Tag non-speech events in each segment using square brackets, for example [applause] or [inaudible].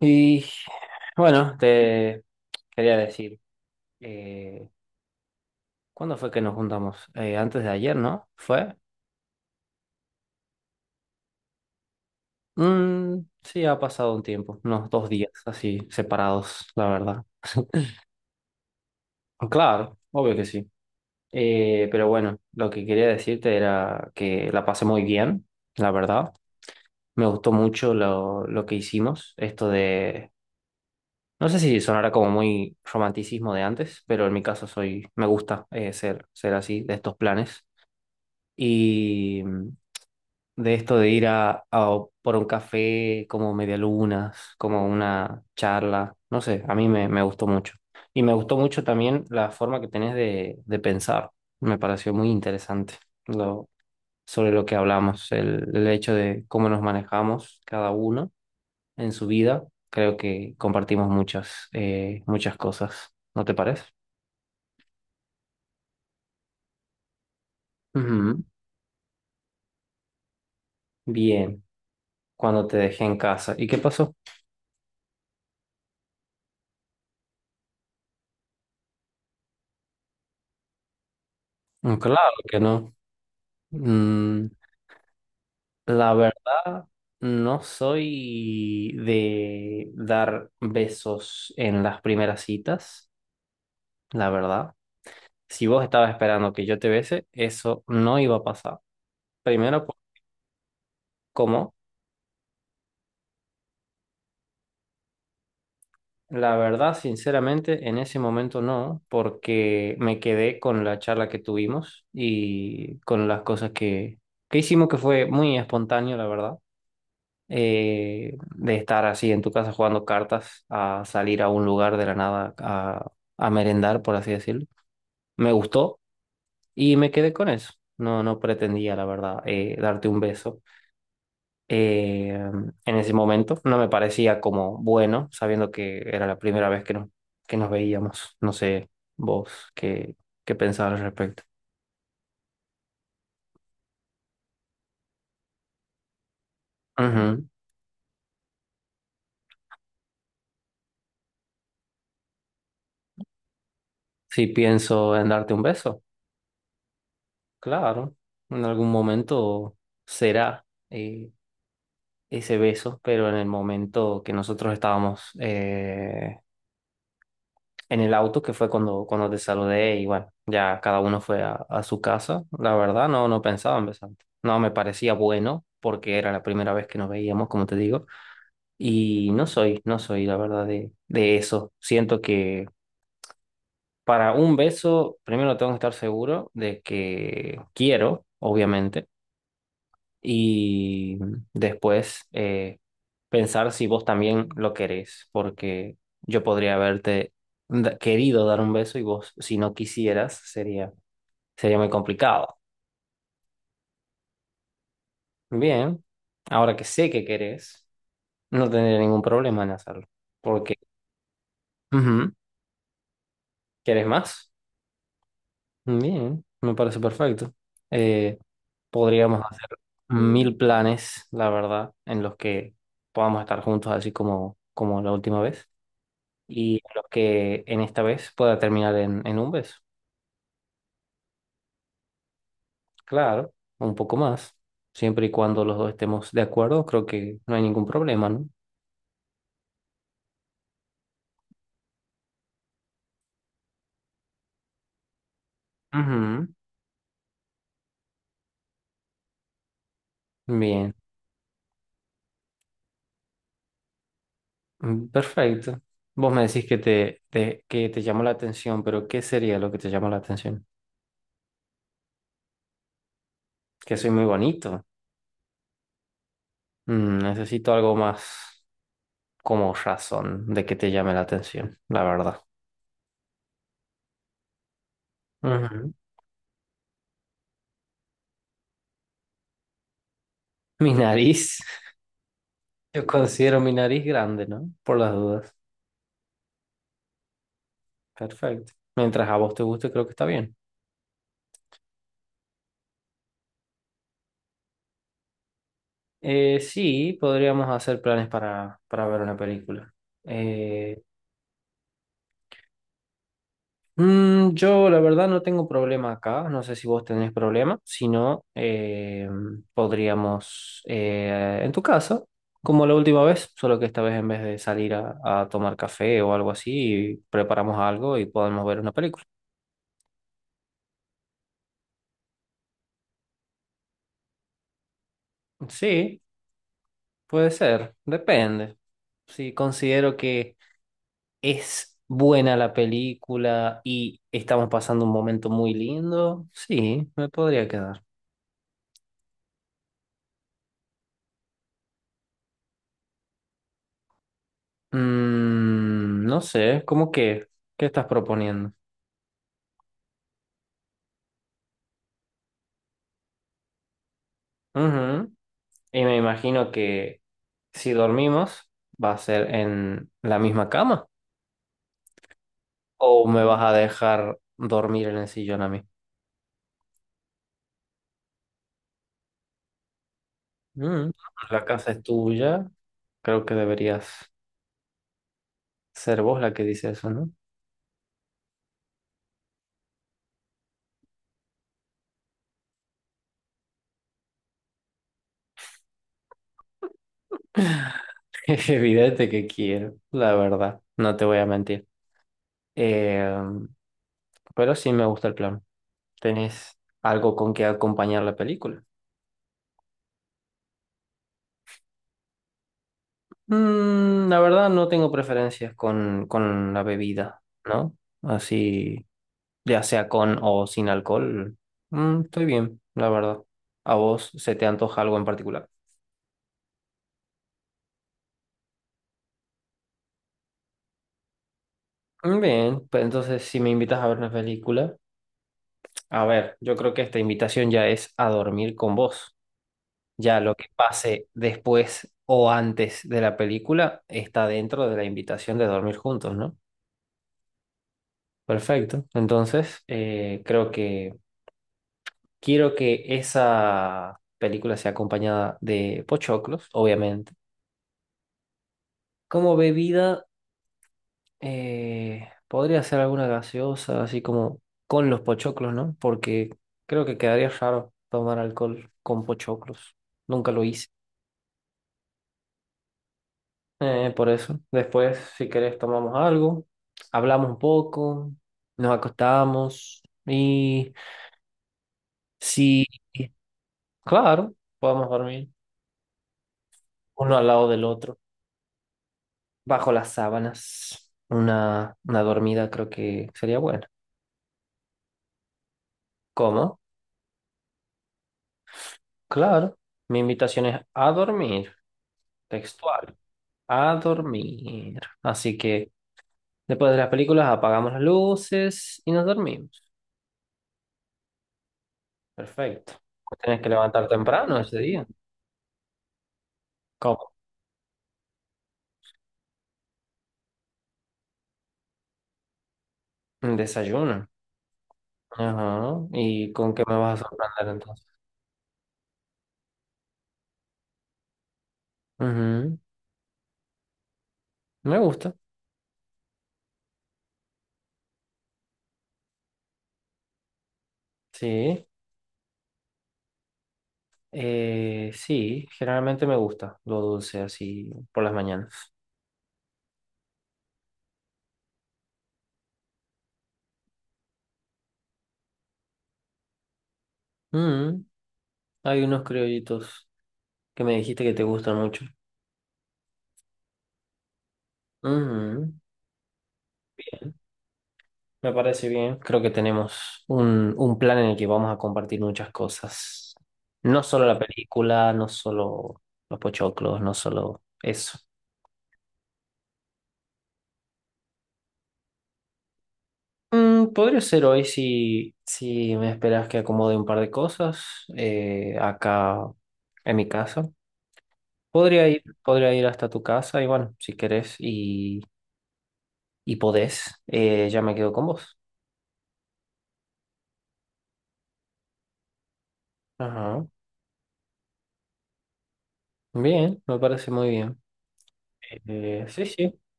Y bueno, te quería decir, eh, ¿cuándo fue que nos juntamos? Antes de ayer, ¿no? ¿Fue? Mm, sí, ha pasado un tiempo, unos dos días así separados, la verdad. [laughs] Claro, obvio que sí. Pero bueno, lo que quería decirte era que la pasé muy bien, la verdad. Me gustó mucho lo que hicimos, esto de, no sé si sonará como muy romanticismo de antes, pero en mi caso soy, me gusta ser así, de estos planes. Y mm, de esto de ir a por un café como medialunas, como una charla, no sé, a me gustó mucho. Y me gustó mucho también la forma que tenés de pensar. Me pareció muy interesante lo, sobre lo que hablamos, el hecho de cómo nos manejamos cada uno en su vida. Creo que compartimos muchas, muchas cosas, ¿no te parece? Ujú. Bien, cuando te dejé en casa. ¿Y qué pasó? Claro que no. Mm, la verdad, no soy de dar besos en las primeras citas, la verdad. Si vos estabas esperando que yo te bese, eso no iba a pasar. Primero, ¿cómo? La verdad, sinceramente, en ese momento no, porque me quedé con la charla que tuvimos y con las cosas que hicimos, que fue muy espontáneo, la verdad. De estar así en tu casa jugando cartas a salir a un lugar de la nada a merendar, por así decirlo. Me gustó y me quedé con eso. No, no pretendía, la verdad, darte un beso. eh, en ese momento no me parecía como bueno, sabiendo que era la primera vez que nos veíamos. No sé vos qué, qué pensabas al respecto. Ujú. Si pienso en darte un beso, claro, en algún momento será. Ese beso, pero en el momento que nosotros estábamos en el auto, que fue cuando te saludé y bueno, ya cada uno fue a su casa, la verdad no, no pensaba en besarte. No me parecía bueno porque era la primera vez que nos veíamos, como te digo, y no soy, no soy la verdad de eso. Siento que para un beso, primero tengo que estar seguro de que quiero, obviamente y después pensar si vos también lo querés, porque yo podría haberte querido dar un beso y vos, si no quisieras, sería, sería muy complicado. Bien, ahora que sé que querés, no tendría ningún problema en hacerlo, porque ujú, ¿querés más? Bien, me parece perfecto. Eh, Podríamos hacer mil planes, la verdad, en los que podamos estar juntos así como, como la última vez. Y a los que en esta vez pueda terminar en un beso. Claro, un poco más. Siempre y cuando los dos estemos de acuerdo, creo que no hay ningún problema, ¿no? Ujú, bien, mm, perfecto. Vos me decís que te llamó la atención, pero ¿qué sería lo que te llamó la atención? Que soy muy bonito. Mm, necesito algo más como razón de que te llame la atención, la verdad. Ujú. Mi nariz. [laughs] Yo considero mi nariz grande, ¿no? Por las dudas. Perfecto. Mientras a vos te guste, creo que está bien. Sí, podríamos hacer planes para ver una película. Eh, mm, yo, la verdad, no tengo problema acá. No sé si vos tenés problema. Si no, podríamos en tu casa, como la última vez, solo que esta vez en vez de salir a tomar café o algo así, preparamos algo y podemos ver una película. Sí, puede ser. Depende. Sí, considero que es buena la película y estamos pasando un momento muy lindo. Sí, me podría quedar. Mm, no sé, ¿cómo qué? ¿Qué estás proponiendo? Ujú. Y me imagino que si dormimos va a ser en la misma cama o me vas a dejar dormir en el sillón a mí. Mm, la casa es tuya, creo que deberías ser vos la que dice eso, ¿no? [laughs] Es evidente que quiero, la verdad, no te voy a mentir. Eh, pero sí me gusta el plan. ¿Tenés algo con que acompañar la película? Mm, la verdad no tengo preferencias con la bebida, ¿no? Así, ya sea con o sin alcohol. Mm, estoy bien, la verdad. ¿A vos se te antoja algo en particular? Mm, bien, pues entonces si me invitas a ver una película, a ver, yo creo que esta invitación ya es a dormir con vos. Ya lo que pase después o antes de la película está dentro de la invitación de dormir juntos, ¿no? Perfecto. Entonces, creo que quiero que esa película sea acompañada de pochoclos, obviamente. Como bebida, podría ser alguna gaseosa, así como con los pochoclos, ¿no? Porque creo que quedaría raro tomar alcohol con pochoclos. Nunca lo hice. Por eso. Después, si querés, tomamos algo, hablamos un poco, nos acostamos y si, claro, podemos dormir uno al lado del otro, bajo las sábanas. Una dormida creo que sería buena. ¿Cómo? Claro. Mi invitación es a dormir, textual, a dormir. Así que después de las películas apagamos las luces y nos dormimos. Perfecto. Tienes que levantar temprano ese día. ¿Cómo? Un desayuno. Ajá. ¿Y con qué me vas a sorprender entonces? Ujú. Me gusta. Sí. Sí, generalmente me gusta lo dulce así por las mañanas. Mm, hay unos criollitos que me dijiste que te gustan mucho. Ujú, me parece bien. Creo que tenemos un plan en el que vamos a compartir muchas cosas. No solo la película, no solo los pochoclos, no solo eso. Mm, podría ser hoy si, si me esperas que acomode un par de cosas acá en mi casa. Podría ir hasta tu casa y bueno, si querés y podés, ya me quedo con vos. Ajá. Bien, me parece muy bien. Sí, sí,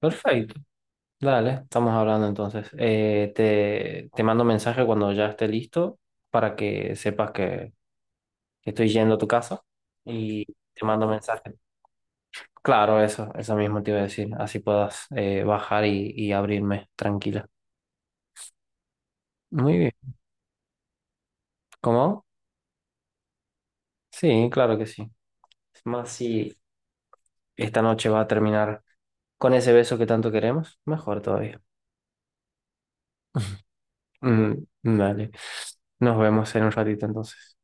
perfecto. Dale, estamos hablando entonces. Te mando mensaje cuando ya esté listo para que sepas que estoy yendo a tu casa y te mando mensaje. Claro, eso mismo te iba a decir. Así puedas bajar y abrirme tranquila. Muy bien. ¿Cómo? Sí, claro que sí. Es más si esta noche va a terminar con ese beso que tanto queremos, mejor todavía. Mm, dale. Nos vemos en un ratito entonces.